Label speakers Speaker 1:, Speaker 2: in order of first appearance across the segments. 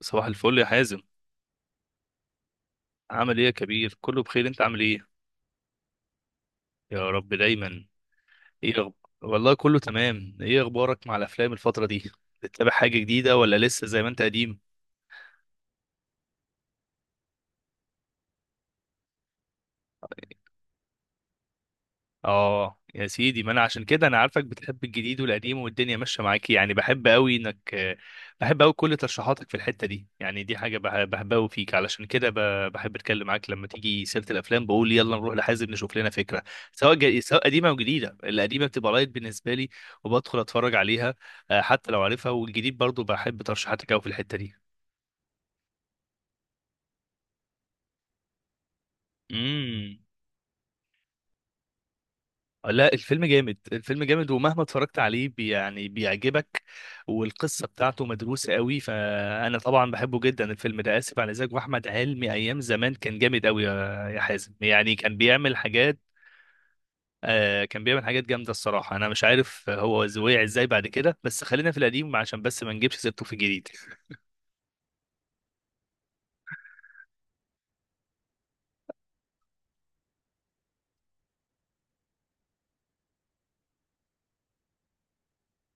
Speaker 1: صباح الفل يا حازم. عامل ايه يا كبير، كله بخير، انت عامل ايه؟ يا رب دايما. ايه أخب... والله كله تمام. ايه اخبارك مع الافلام الفترة دي؟ بتتابع حاجة جديدة ولا لسه زي ما انت قديم؟ اه يا سيدي، ما انا عشان كده انا عارفك بتحب الجديد والقديم والدنيا ماشيه معاكي، يعني بحب قوي انك بحب قوي كل ترشيحاتك في الحته دي. يعني دي حاجه بحبها قوي فيك، علشان كده بحب اتكلم معاك لما تيجي سيره الافلام، بقول يلا نروح لحازم نشوف لنا فكره، سواء قديمه او جديده. القديمه بتبقى لايت بالنسبه لي وبدخل اتفرج عليها، حتى لو عارفها، والجديد برضو بحب ترشيحاتك قوي في الحته دي. امم. لا، الفيلم جامد، الفيلم جامد، ومهما اتفرجت عليه يعني بيعجبك، والقصة بتاعته مدروسة قوي، فأنا طبعا بحبه جدا الفيلم ده آسف على الإزعاج. وأحمد حلمي أيام زمان كان جامد قوي يا حازم، يعني كان بيعمل حاجات. آه، كان بيعمل حاجات جامدة الصراحة، أنا مش عارف هو وقع إزاي بعد كده، بس خلينا في القديم عشان بس ما نجيبش سيرته في الجديد.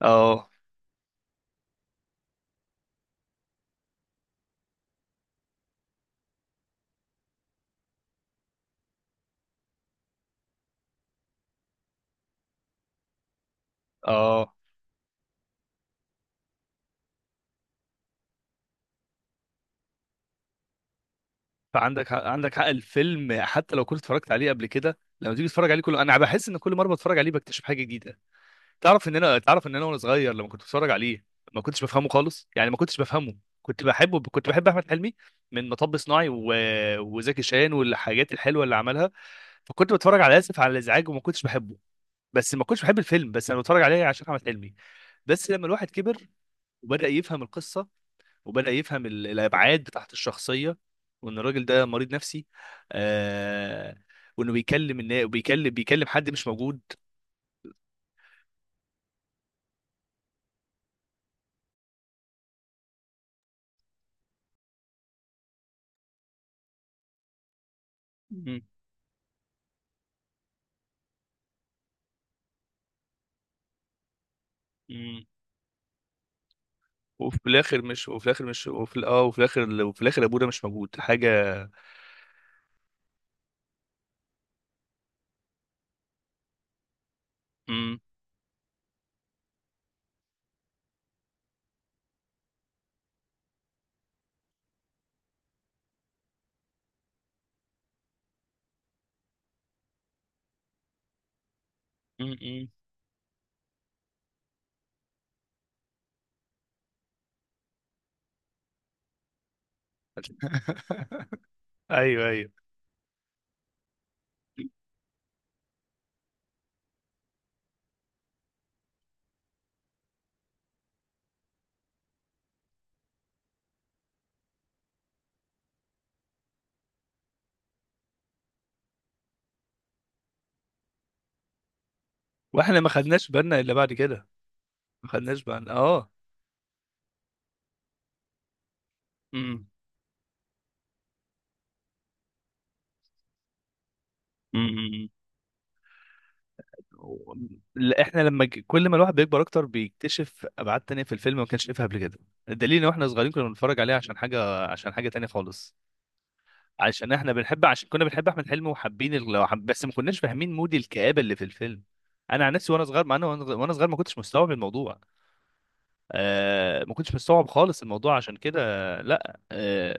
Speaker 1: اه. اه، فعندك حق، عندك حق، الفيلم حتى لو كنت اتفرجت عليه قبل كده لما تيجي تتفرج عليه كله، انا بحس ان كل مره بتفرج عليه بكتشف حاجه جديده. تعرف ان انا وانا صغير لما كنت بتفرج عليه ما كنتش بفهمه خالص، يعني ما كنتش بفهمه. كنت بحبه، كنت بحب احمد حلمي من مطب صناعي وزكي شان والحاجات الحلوه اللي عملها. فكنت بتفرج على اسف على الازعاج وما كنتش بحبه، بس ما كنتش بحب الفيلم، بس انا بتفرج عليه عشان احمد حلمي. بس لما الواحد كبر وبدا يفهم القصه، وبدا يفهم الابعاد بتاعت الشخصيه، وان الراجل ده مريض نفسي. آه... وانه بيكلم النا... بيكلم بيكلم حد مش موجود. مم. وفي الاخر ابونا مش موجود حاجه. امم. امم. ايوه، ايوه. واحنا ما خدناش بالنا الا بعد كده. ما خدناش بالنا، اه. امم، امم. و- لا، احنا كل ما الواحد بيكبر اكتر بيكتشف ابعاد تانية في الفيلم ما كانش شايفها قبل كده. الدليل ان احنا صغيرين كنا بنتفرج عليه عشان حاجه تانية خالص. عشان كنا بنحب احمد حلمي وحابين بس ما كناش فاهمين مود الكآبة اللي في الفيلم. انا عن نفسي وانا صغير، مع انا وانا وأنا صغير ما كنتش مستوعب الموضوع. آه، ما كنتش مستوعب خالص الموضوع، عشان كده. لا، آه،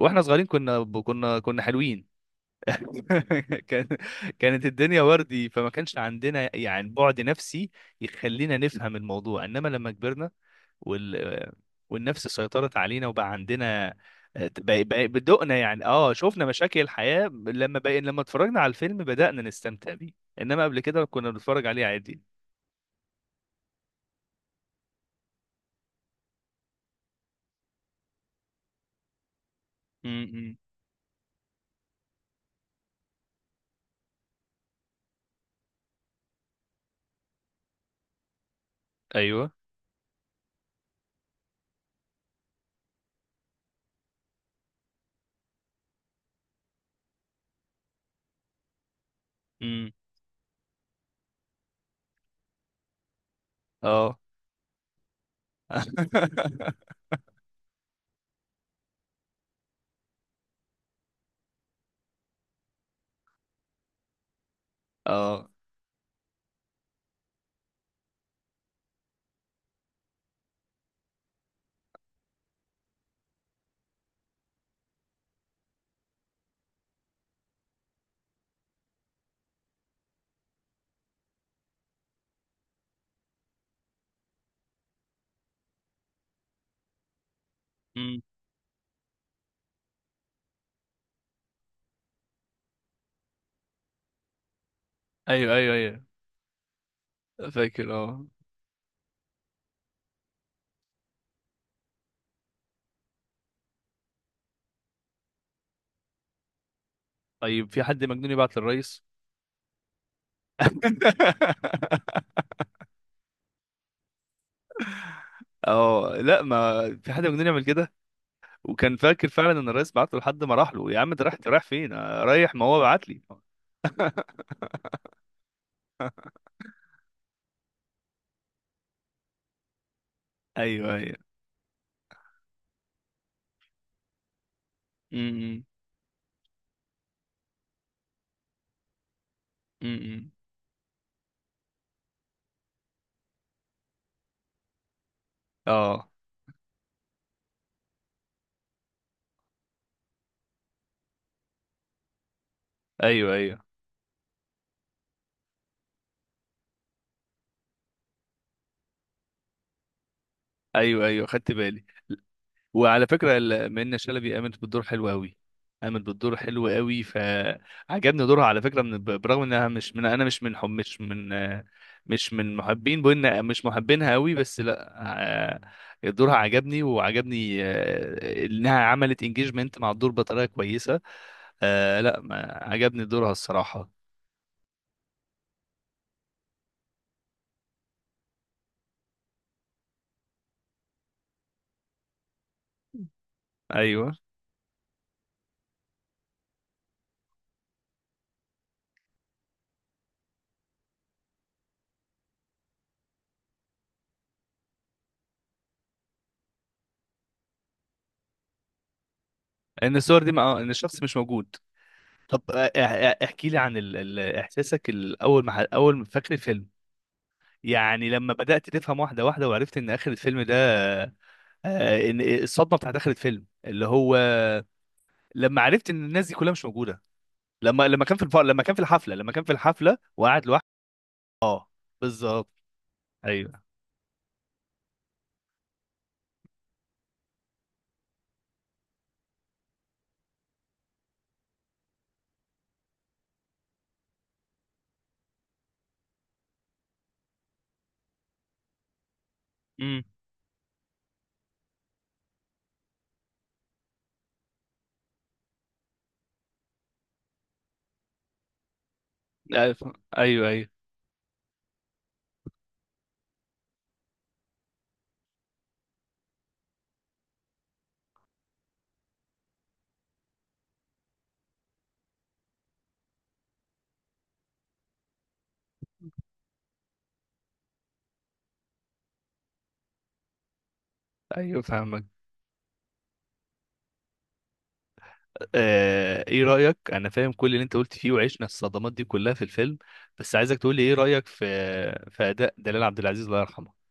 Speaker 1: واحنا صغيرين كنا حلوين. كان كانت الدنيا وردي، فما كانش عندنا يعني بعد نفسي يخلينا نفهم الموضوع، انما لما كبرنا وال والنفس سيطرت علينا، وبقى عندنا، بدقنا يعني، شفنا مشاكل الحياة. لما اتفرجنا على الفيلم بدأنا نستمتع بيه. انما قبل كده كنا بنتفرج عليه عادي. امم. ايوه. امم، اه. اه. امم. ايوه، ايوه، ايوه. فاكر، اه. طيب، في حد مجنون يبعت للرئيس؟ اه، لا، ما في حد مجنون يعمل كده. وكان فاكر فعلا ان الرئيس بعت له لحد ما راح له، يا عم ده رايح، رايح فين؟ آه، رايح، ما هو بعت لي. ايوه، ايوه. امم، امم. إمم، إمم. اه، ايوه، ايوه، ايوه، ايوه، خدت بالي. وعلى فكره منة شلبي قامت بالدور حلو قوي، قامت بالدور حلو قوي، فعجبني دورها على فكره، برغم انها مش من محبين، بقولنا مش محبينها قوي، بس لا. دورها عجبني وعجبني، انها عملت انجيجمنت مع الدور بطريقه كويسه. آه، لا، ما عجبني دورها الصراحة. ايوه. ان الصور دي ما آه، ان الشخص مش موجود. طب، احكي لي عن احساسك، اول ما فاكر الفيلم. يعني لما بدأت تفهم واحدة واحدة وعرفت ان اخر الفيلم ده، ان الصدمة بتاعت اخر الفيلم اللي هو لما عرفت ان الناس دي كلها مش موجودة. لما كان في لما كان في الحفلة وقعد لوحده. اه، بالظبط. ايوه. امم. ايوه، ايوه، ايوه، فاهمك. ايه رأيك، انا فاهم كل اللي انت قلت فيه وعشنا الصدمات دي كلها في الفيلم، بس عايزك تقول لي ايه رأيك في اداء دلال عبد العزيز الله يرحمه.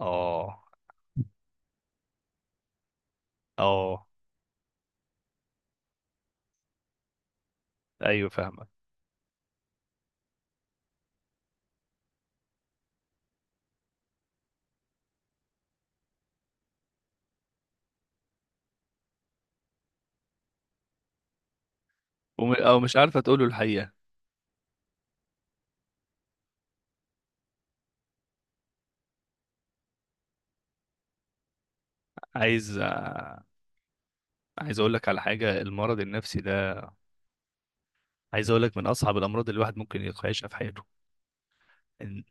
Speaker 1: اه. اه، ايوه، فاهمك. او مش عارفه تقوله الحقيقة. عايز آه، عايز اقول لك على حاجة، المرض النفسي ده. عايز اقول لك من اصعب الامراض اللي الواحد ممكن يعيشها في حياته. إن-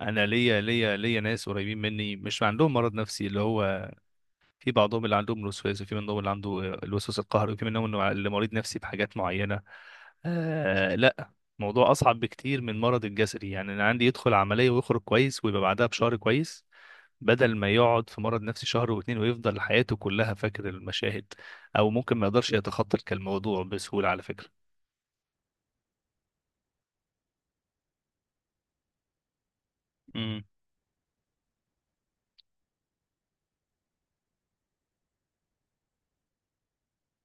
Speaker 1: انا ليا ناس قريبين مني مش عندهم مرض نفسي، اللي هو في بعضهم اللي عندهم الوسواس، وفي منهم اللي عنده، الوسواس القهري، وفي منهم إنه اللي مريض نفسي بحاجات معينة. آه، لا، موضوع أصعب بكتير من مرض الجسدي، يعني أنا عندي يدخل عملية ويخرج كويس ويبقى بعدها بشهر كويس، بدل ما يقعد في مرض نفسي شهر واتنين ويفضل حياته كلها فاكر المشاهد. أو ممكن ما يقدرش يتخطى الموضوع بسهولة على فكرة. امم.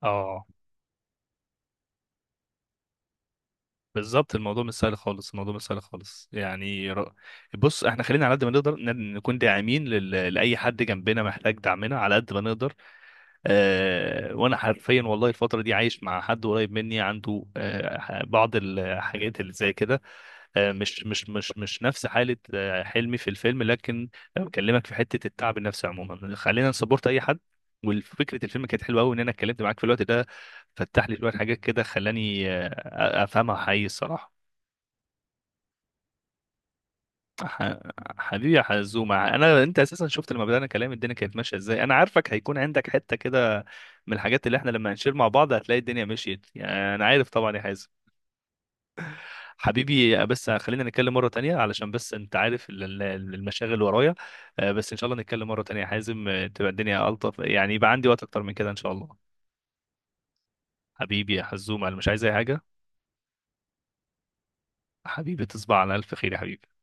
Speaker 1: اه، بالظبط. الموضوع مش سهل خالص، الموضوع مش سهل خالص، يعني بص، احنا خلينا على قد ما نقدر نكون داعمين لأي حد جنبنا محتاج دعمنا على قد ما نقدر. اه، وانا حرفيا والله الفترة دي عايش مع حد قريب مني عنده بعض الحاجات اللي زي كده. اه، مش نفس حالة حلمي في الفيلم، لكن بكلمك في حتة التعب النفسي عموما، خلينا نسبورت اي حد. وفكرة الفيلم كانت حلوة قوي ان انا اتكلمت معاك في الوقت ده، فتح لي شوية حاجات كده خلاني افهمها حقيقي الصراحة. ح- حبيبي يا حزومة، انت اساسا شفت لما بدأنا كلام الدنيا كانت ماشية ازاي، انا عارفك هيكون عندك حتة كده من الحاجات اللي احنا لما هنشير مع بعض هتلاقي الدنيا مشيت، يعني انا عارف طبعا يا حازم. حبيبي، بس خلينا نتكلم مرة تانية علشان بس انت عارف المشاغل اللي ورايا. بس ان شاء الله نتكلم مرة تانية يا حازم، تبقى الدنيا ألطف يعني، يبقى عندي وقت اكتر من كده ان شاء الله. حبيبي يا حزومة، انا مش عايز اي حاجة. حبيبي، تصبح على الف خير يا حبيبي.